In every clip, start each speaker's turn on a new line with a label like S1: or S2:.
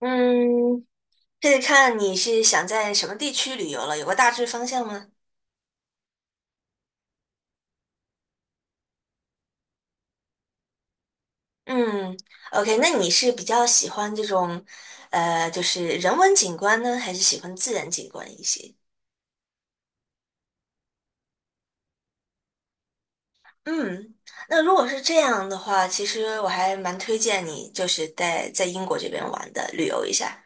S1: 嗯，这得看你是想在什么地区旅游了，有个大致方向吗？嗯，OK，那你是比较喜欢这种，就是人文景观呢，还是喜欢自然景观一些？嗯，那如果是这样的话，其实我还蛮推荐你，就是在英国这边玩的，旅游一下。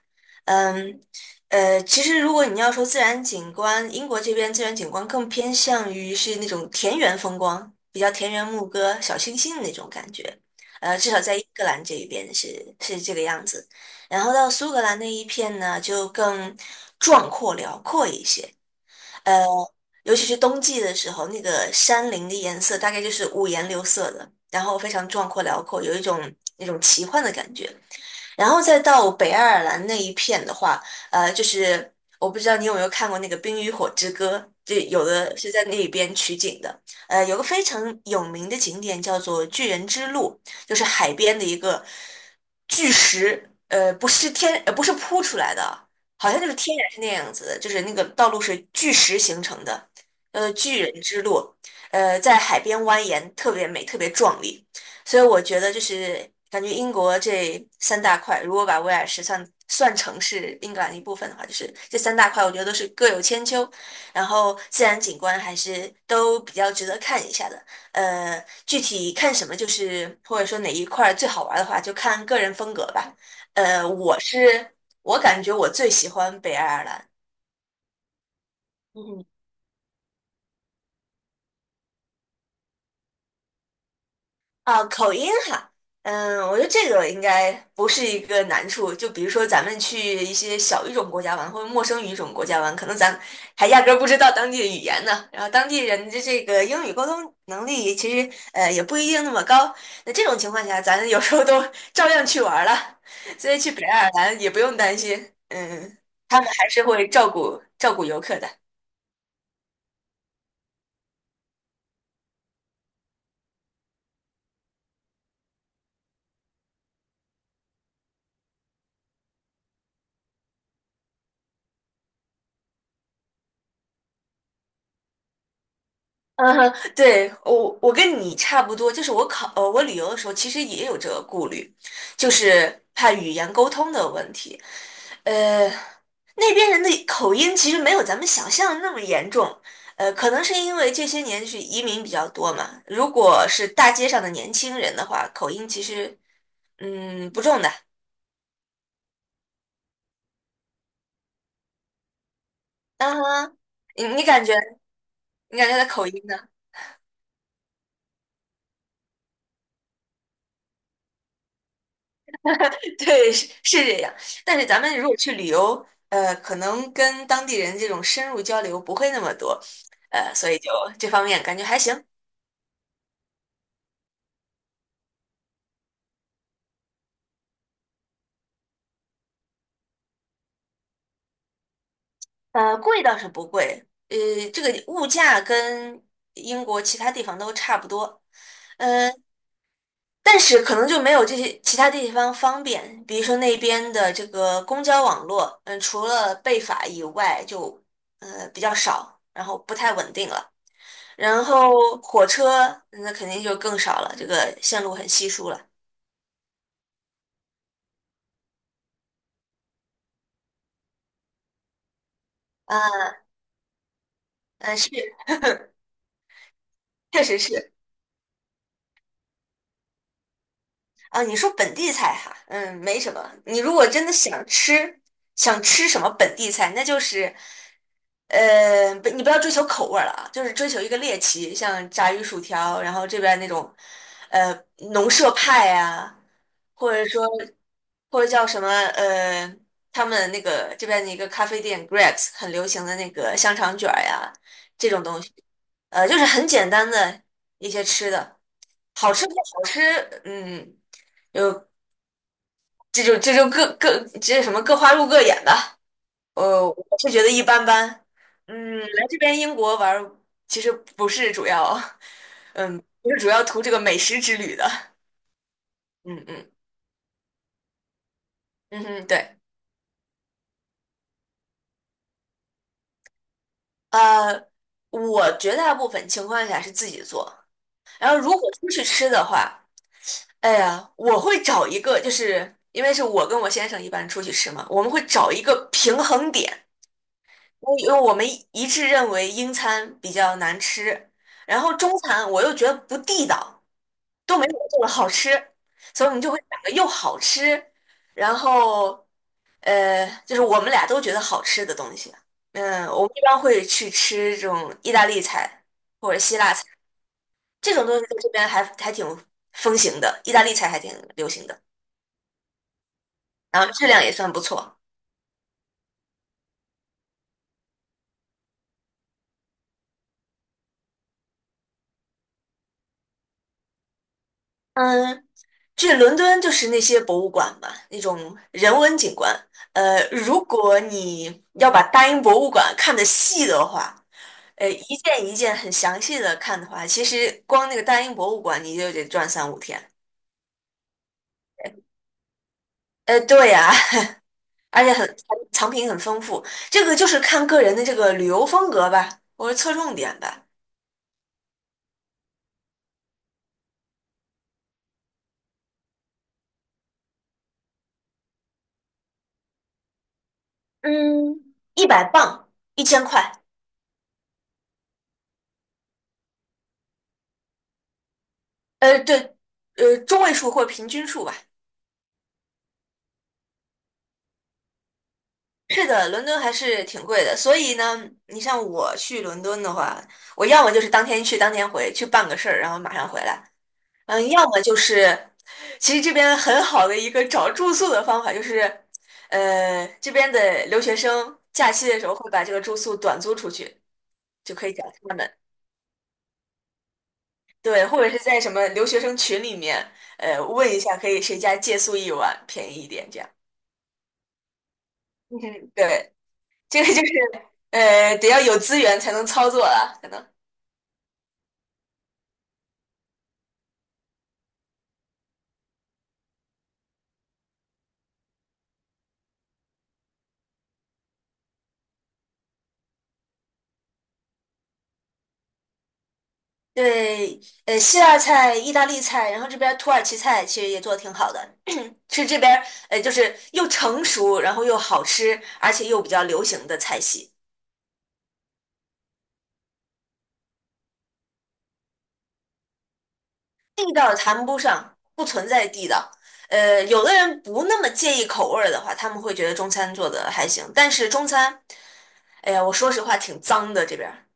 S1: 嗯，其实如果你要说自然景观，英国这边自然景观更偏向于是那种田园风光，比较田园牧歌、小清新的那种感觉。至少在英格兰这一边是这个样子。然后到苏格兰那一片呢，就更壮阔辽阔一些。呃，尤其是冬季的时候，那个山林的颜色大概就是五颜六色的，然后非常壮阔辽阔，有一种那种奇幻的感觉。然后再到北爱尔兰那一片的话，就是我不知道你有没有看过那个《冰与火之歌》，就有的是在那边取景的。有个非常有名的景点叫做巨人之路，就是海边的一个巨石，不是天，不是铺出来的，好像就是天然是那样子的，就是那个道路是巨石形成的，巨人之路，在海边蜿蜒，特别美，特别壮丽。所以我觉得就是感觉英国这三大块，如果把威尔士算成是英格兰一部分的话，就是这三大块，我觉得都是各有千秋，然后自然景观还是都比较值得看一下的。具体看什么，就是或者说哪一块最好玩的话，就看个人风格吧。呃，我是我感觉我最喜欢北爱尔兰。啊，口音哈，我觉得这个应该不是一个难处。就比如说咱们去一些小语种国家玩，或者陌生语种国家玩，可能咱还压根儿不知道当地的语言呢。然后当地人的这个英语沟通能力其实也不一定那么高。那这种情况下，咱有时候都 照样去玩儿了，所以去北爱尔兰也不用担心，他们还是会照顾照顾游客的。嗯，对，我跟你差不多，就是我我旅游的时候，其实也有这个顾虑，就是怕语言沟通的问题。呃，那边人的口音其实没有咱们想象的那么严重，可能是因为这些年就是移民比较多嘛。如果是大街上的年轻人的话，口音其实不重的。嗯哼，你你感觉你感觉他的口音呢？对，是这样。但是咱们如果去旅游，可能跟当地人这种深入交流不会那么多，所以就这方面感觉还行。贵倒是不贵，这个物价跟英国其他地方都差不多，呃，但是可能就没有这些其他地方方便，比如说那边的这个公交网络，除了贝法以外就，比较少，然后不太稳定了。然后火车那肯定就更少了，这个线路很稀疏了。啊，嗯，是，确实是啊。你说本地菜哈，没什么。你如果真的想吃，想吃什么本地菜，那就是，不，你不要追求口味儿了啊，就是追求一个猎奇，像炸鱼薯条，然后这边那种，呃，农舍派呀、或者说或者叫什么，他们那个这边的一个咖啡店 Greg's 很流行的那个香肠卷儿呀，这种东西，就是很简单的一些吃的，好吃不好吃，嗯，有这就这就各各这什么各花入各眼吧，我是觉得一般般，来这边英国玩儿其实不是主要，不是主要图这个美食之旅的。嗯嗯嗯哼，对，呃，我绝大部分情况下是自己做。然后如果出去吃的话，哎呀，我会找一个，就是因为是我跟我先生一般出去吃嘛，我们会找一个平衡点，因为我们一致认为英餐比较难吃，然后中餐我又觉得不地道，都没我做的好吃，所以我们就会找个又好吃，然后就是我们俩都觉得好吃的东西啊。我们一般会去吃这种意大利菜或者希腊菜。这种东西在这边还挺风行的，意大利菜还挺流行的，然后质量也算不错。嗯，去伦敦就是那些博物馆嘛，那种人文景观。如果你要把大英博物馆看得细的话，一件一件很详细的看的话，其实光那个大英博物馆你就得转三五天。对呀，而且藏品很丰富，这个就是看个人的这个旅游风格吧，或者侧重点吧。嗯，100磅，1000块，对，中位数或平均数吧。是的，伦敦还是挺贵的，所以呢，你像我去伦敦的话，我要么就是当天去当天回，去办个事儿，然后马上回来，要么就是，其实这边很好的一个找住宿的方法就是，这边的留学生假期的时候会把这个住宿短租出去，就可以找他们。对，或者是在什么留学生群里面，问一下可以谁家借宿一晚，便宜一点这样。嗯哼，对，这个就是得要有资源才能操作了，可能。对，希腊菜、意大利菜，然后这边儿土耳其菜其实也做的挺好的，是这边儿就是又成熟，然后又好吃，而且又比较流行的菜系。地道谈不上，不存在地道。有的人不那么介意口味儿的话，他们会觉得中餐做的还行，但是中餐。哎呀，我说实话挺脏的这边儿。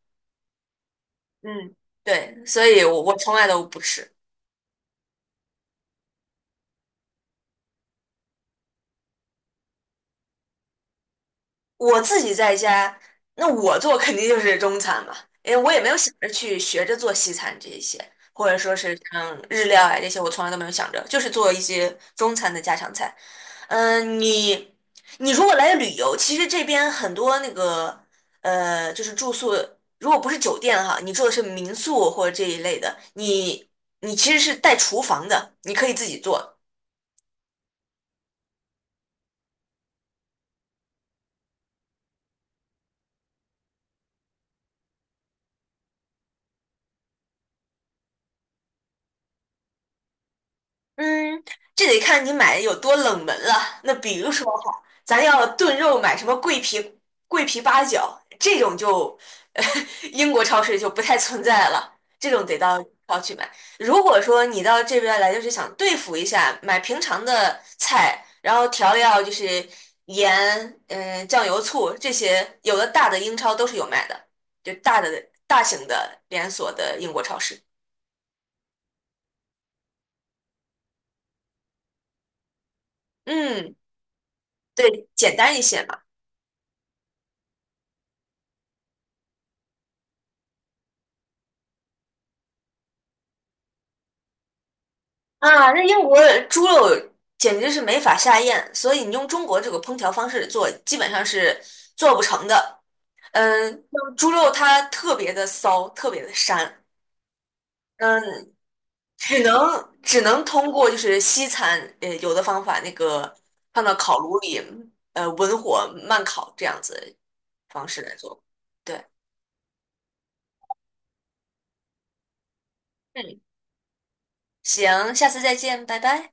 S1: 嗯，对，所以我从来都不吃。我自己在家，那我做肯定就是中餐嘛，因为我也没有想着去学着做西餐这一些，或者说是像日料啊这些，我从来都没有想着，就是做一些中餐的家常菜。嗯，你你如果来旅游，其实这边很多那个就是住宿，如果不是酒店哈，你住的是民宿或者这一类的，你其实是带厨房的，你可以自己做。嗯，这得看你买的有多冷门了。那比如说哈，咱要炖肉买什么桂皮八角这种就，英国超市就不太存在了，这种得到超去买。如果说你到这边来就是想对付一下，买平常的菜，然后调料就是盐、酱油、醋这些，有的大的英超都是有卖的，就大的大型的连锁的英国超市。嗯，对，简单一些嘛。啊，那英国的猪肉简直是没法下咽，所以你用中国这个烹调方式做，基本上是做不成的。像猪肉它特别的骚，特别的膻，嗯，只能通过就是西餐，有的方法那个放到烤炉里，文火慢烤这样子方式来做。对，嗯，行，下次再见，拜拜。